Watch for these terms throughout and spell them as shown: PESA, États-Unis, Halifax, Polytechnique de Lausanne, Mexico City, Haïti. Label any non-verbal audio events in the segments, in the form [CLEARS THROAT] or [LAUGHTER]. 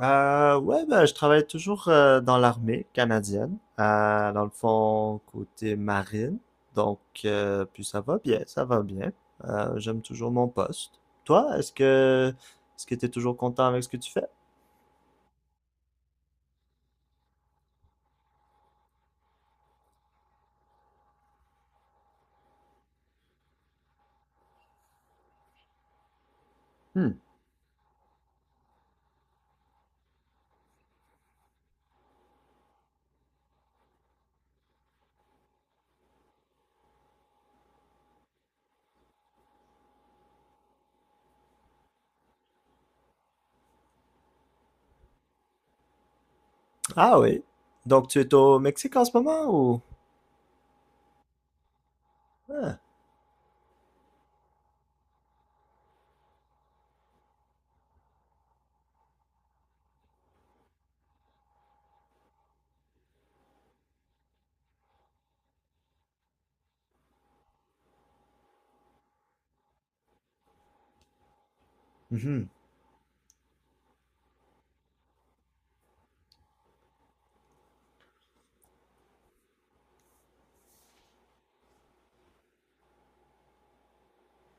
Ouais, ben, je travaille toujours dans l'armée canadienne, dans le fond, côté marine. Donc, puis ça va bien, ça va bien. J'aime toujours mon poste. Toi, est-ce que t'es toujours content avec ce que tu fais? Hmm. Ah oui. Donc, tu es au Mexique en ce moment ou? Ah. Mhm.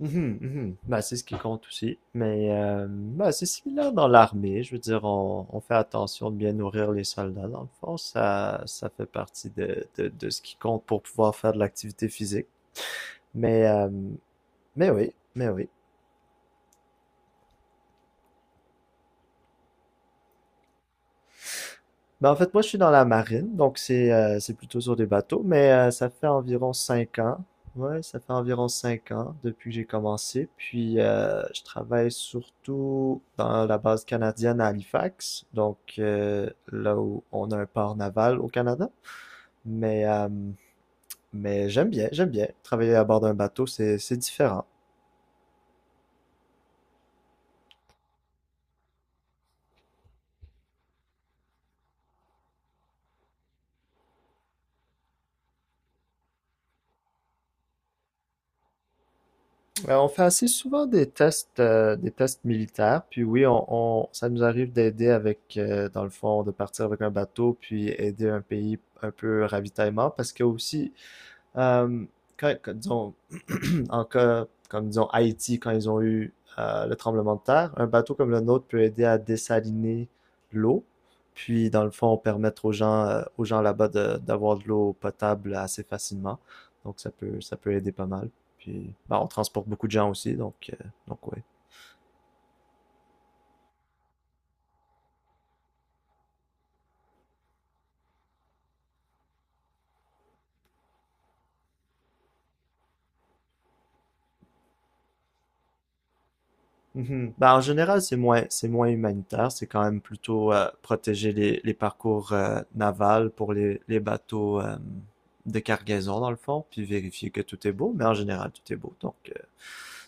Mhm, mhm. Bah, c'est ce qui compte aussi. Mais bah, c'est similaire dans l'armée. Je veux dire, on fait attention de bien nourrir les soldats. Dans le fond, ça fait partie de ce qui compte pour pouvoir faire de l'activité physique. Mais, euh, mais oui, mais oui. Ben, en fait, moi, je suis dans la marine, donc c'est plutôt sur des bateaux, mais ça fait environ cinq ans. Ouais, ça fait environ cinq ans depuis que j'ai commencé. Puis, je travaille surtout dans la base canadienne à Halifax, donc là où on a un port naval au Canada. Mais, euh, mais j'aime bien, j'aime bien. Travailler à bord d'un bateau, c'est différent. Ouais, on fait assez souvent des tests militaires, puis oui, ça nous arrive d'aider avec, dans le fond, de partir avec un bateau, puis aider un pays un peu ravitaillement, parce que aussi, euh, disons, [CLEARS THROAT] en cas comme disons Haïti quand ils ont eu le tremblement de terre, un bateau comme le nôtre peut aider à dessaliner l'eau. Puis, dans le fond, permettre aux gens là-bas d'avoir de l'eau potable assez facilement. Donc, ça peut aider pas mal. Puis, ben, on transporte beaucoup de gens aussi. Donc, ouais. Mhm. Ben, en général, c'est moins humanitaire. C'est quand même plutôt protéger les parcours navals pour les bateaux de cargaison, dans le fond, puis vérifier que tout est beau. Mais en général, tout est beau. Donc, euh,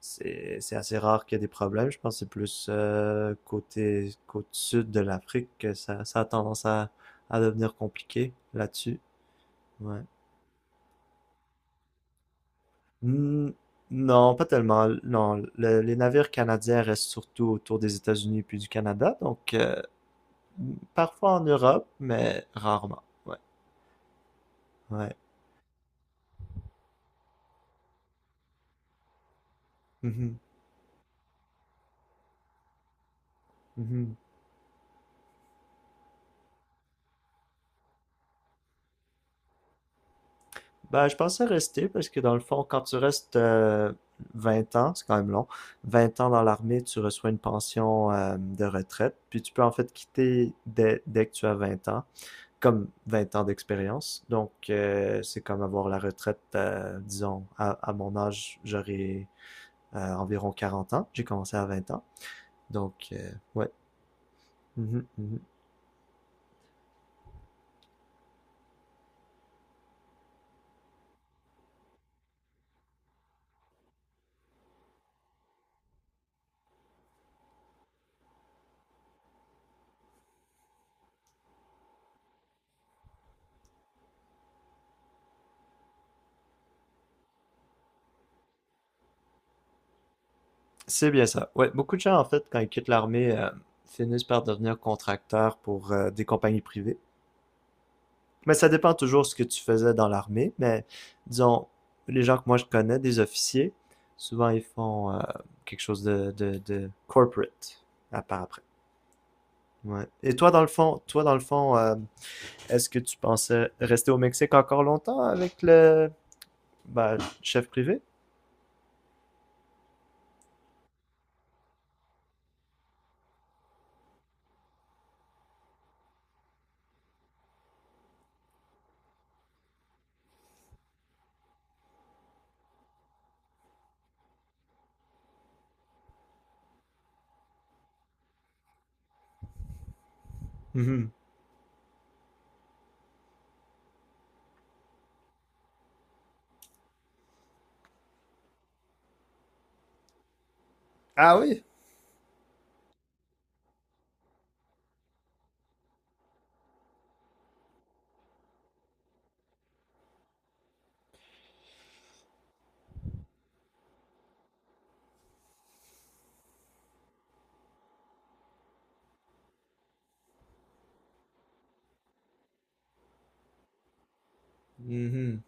c'est, c'est assez rare qu'il y ait des problèmes. Je pense que c'est plus côté côte sud de l'Afrique que ça a tendance à devenir compliqué là-dessus. Ouais. Hmm, non, pas tellement. Non, les navires canadiens restent surtout autour des États-Unis puis du Canada, donc parfois en Europe, mais rarement. Ouais, ouais. Mhm, mhm. Ben, je pensais rester parce que dans le fond, quand tu restes 20 ans, c'est quand même long. 20 ans dans l'armée, tu reçois une pension de retraite, puis tu peux en fait quitter dès que tu as 20 ans, comme 20 ans d'expérience. Donc, c'est comme avoir la retraite, disons, à mon âge, j'aurais environ 40 ans. J'ai commencé à 20 ans. Donc, ouais. Mhm, mhm. C'est bien ça. Ouais, beaucoup de gens, en fait, quand ils quittent l'armée, finissent par devenir contracteurs pour des compagnies privées. Mais ça dépend toujours ce que tu faisais dans l'armée. Mais disons, les gens que moi je connais, des officiers, souvent ils font quelque chose de corporate à part après. Ouais. Et toi, dans le fond, toi, dans le fond, est-ce que tu pensais rester au Mexique encore longtemps avec le bah, chef privé? Mhm. Ah oui? Mhm.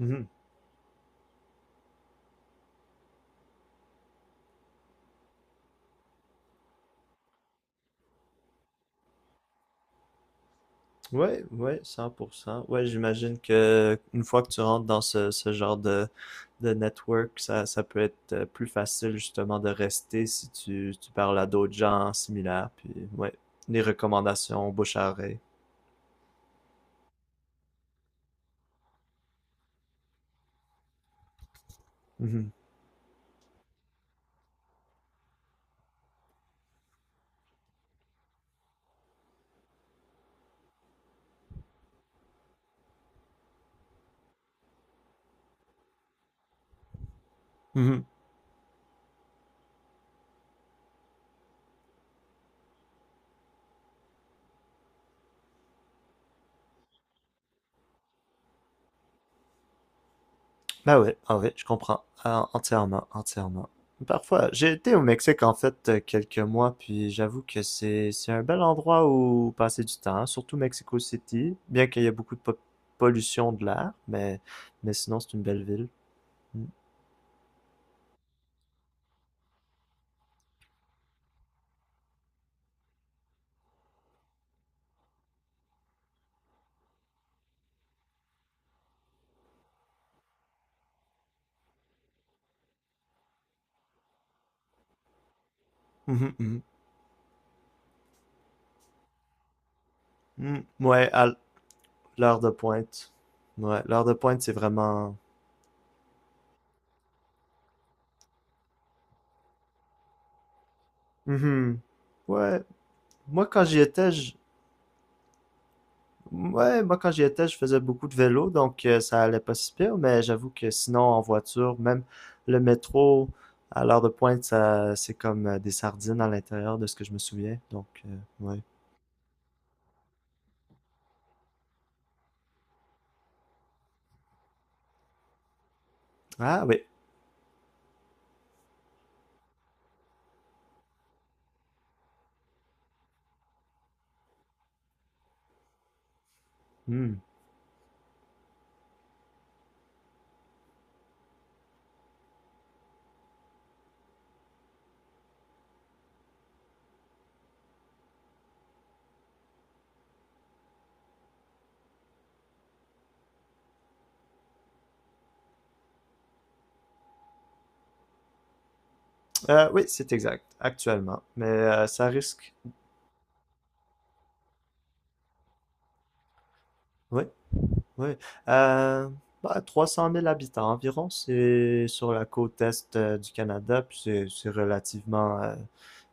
Mhm. Ouais, ouais, 100%. Ouais, j'imagine que une fois que tu rentres dans ce genre de network, ça peut être plus facile justement de rester si tu parles à d'autres gens similaires. Puis, ouais, les recommandations bouche à oreille. Mhm. Mhm. Bah oui, ah oui, je comprends. Ah, entièrement, entièrement. Parfois, j'ai été au Mexique en fait quelques mois, puis j'avoue que c'est un bel endroit où passer du temps, hein, surtout Mexico City, bien qu'il y ait beaucoup de pollution de l'air, mais sinon c'est une belle ville. Mm. Mhm, mhm. Mm. Ouais, à l'heure de pointe. Ouais, l'heure de pointe c'est vraiment. Mhm. Ouais, moi quand j'y étais. Ouais, moi quand j'y étais, je faisais beaucoup de vélo, donc ça allait pas si pire, mais j'avoue que sinon en voiture, même le métro à l'heure de pointe, ça c'est comme des sardines à l'intérieur de ce que je me souviens. Donc ouais. Ah oui. Hmm. Oui, c'est exact, actuellement. Mais ça risque. Oui, oui. Euh, Bah, 300 000 habitants environ, c'est sur la côte est du Canada, puis c'est relativement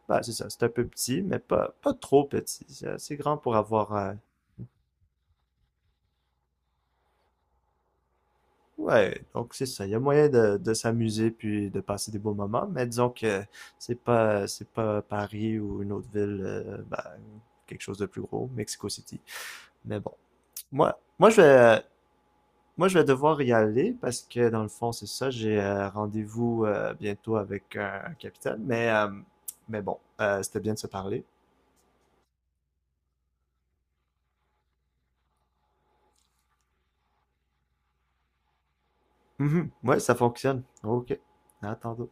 bah, c'est ça, c'est un peu petit, mais pas trop petit. C'est assez grand pour avoir. Ouais, donc c'est ça. Il y a moyen de s'amuser puis de passer des beaux moments, mais disons que c'est pas Paris ou une autre ville, bah, quelque chose de plus gros, Mexico City. Mais bon, moi moi je vais moi je vais devoir y aller parce que dans le fond c'est ça. J'ai rendez-vous bientôt avec un capitaine, mais bon, c'était bien de se parler. Mhm. Ouais, ça fonctionne. Ok, à tantôt.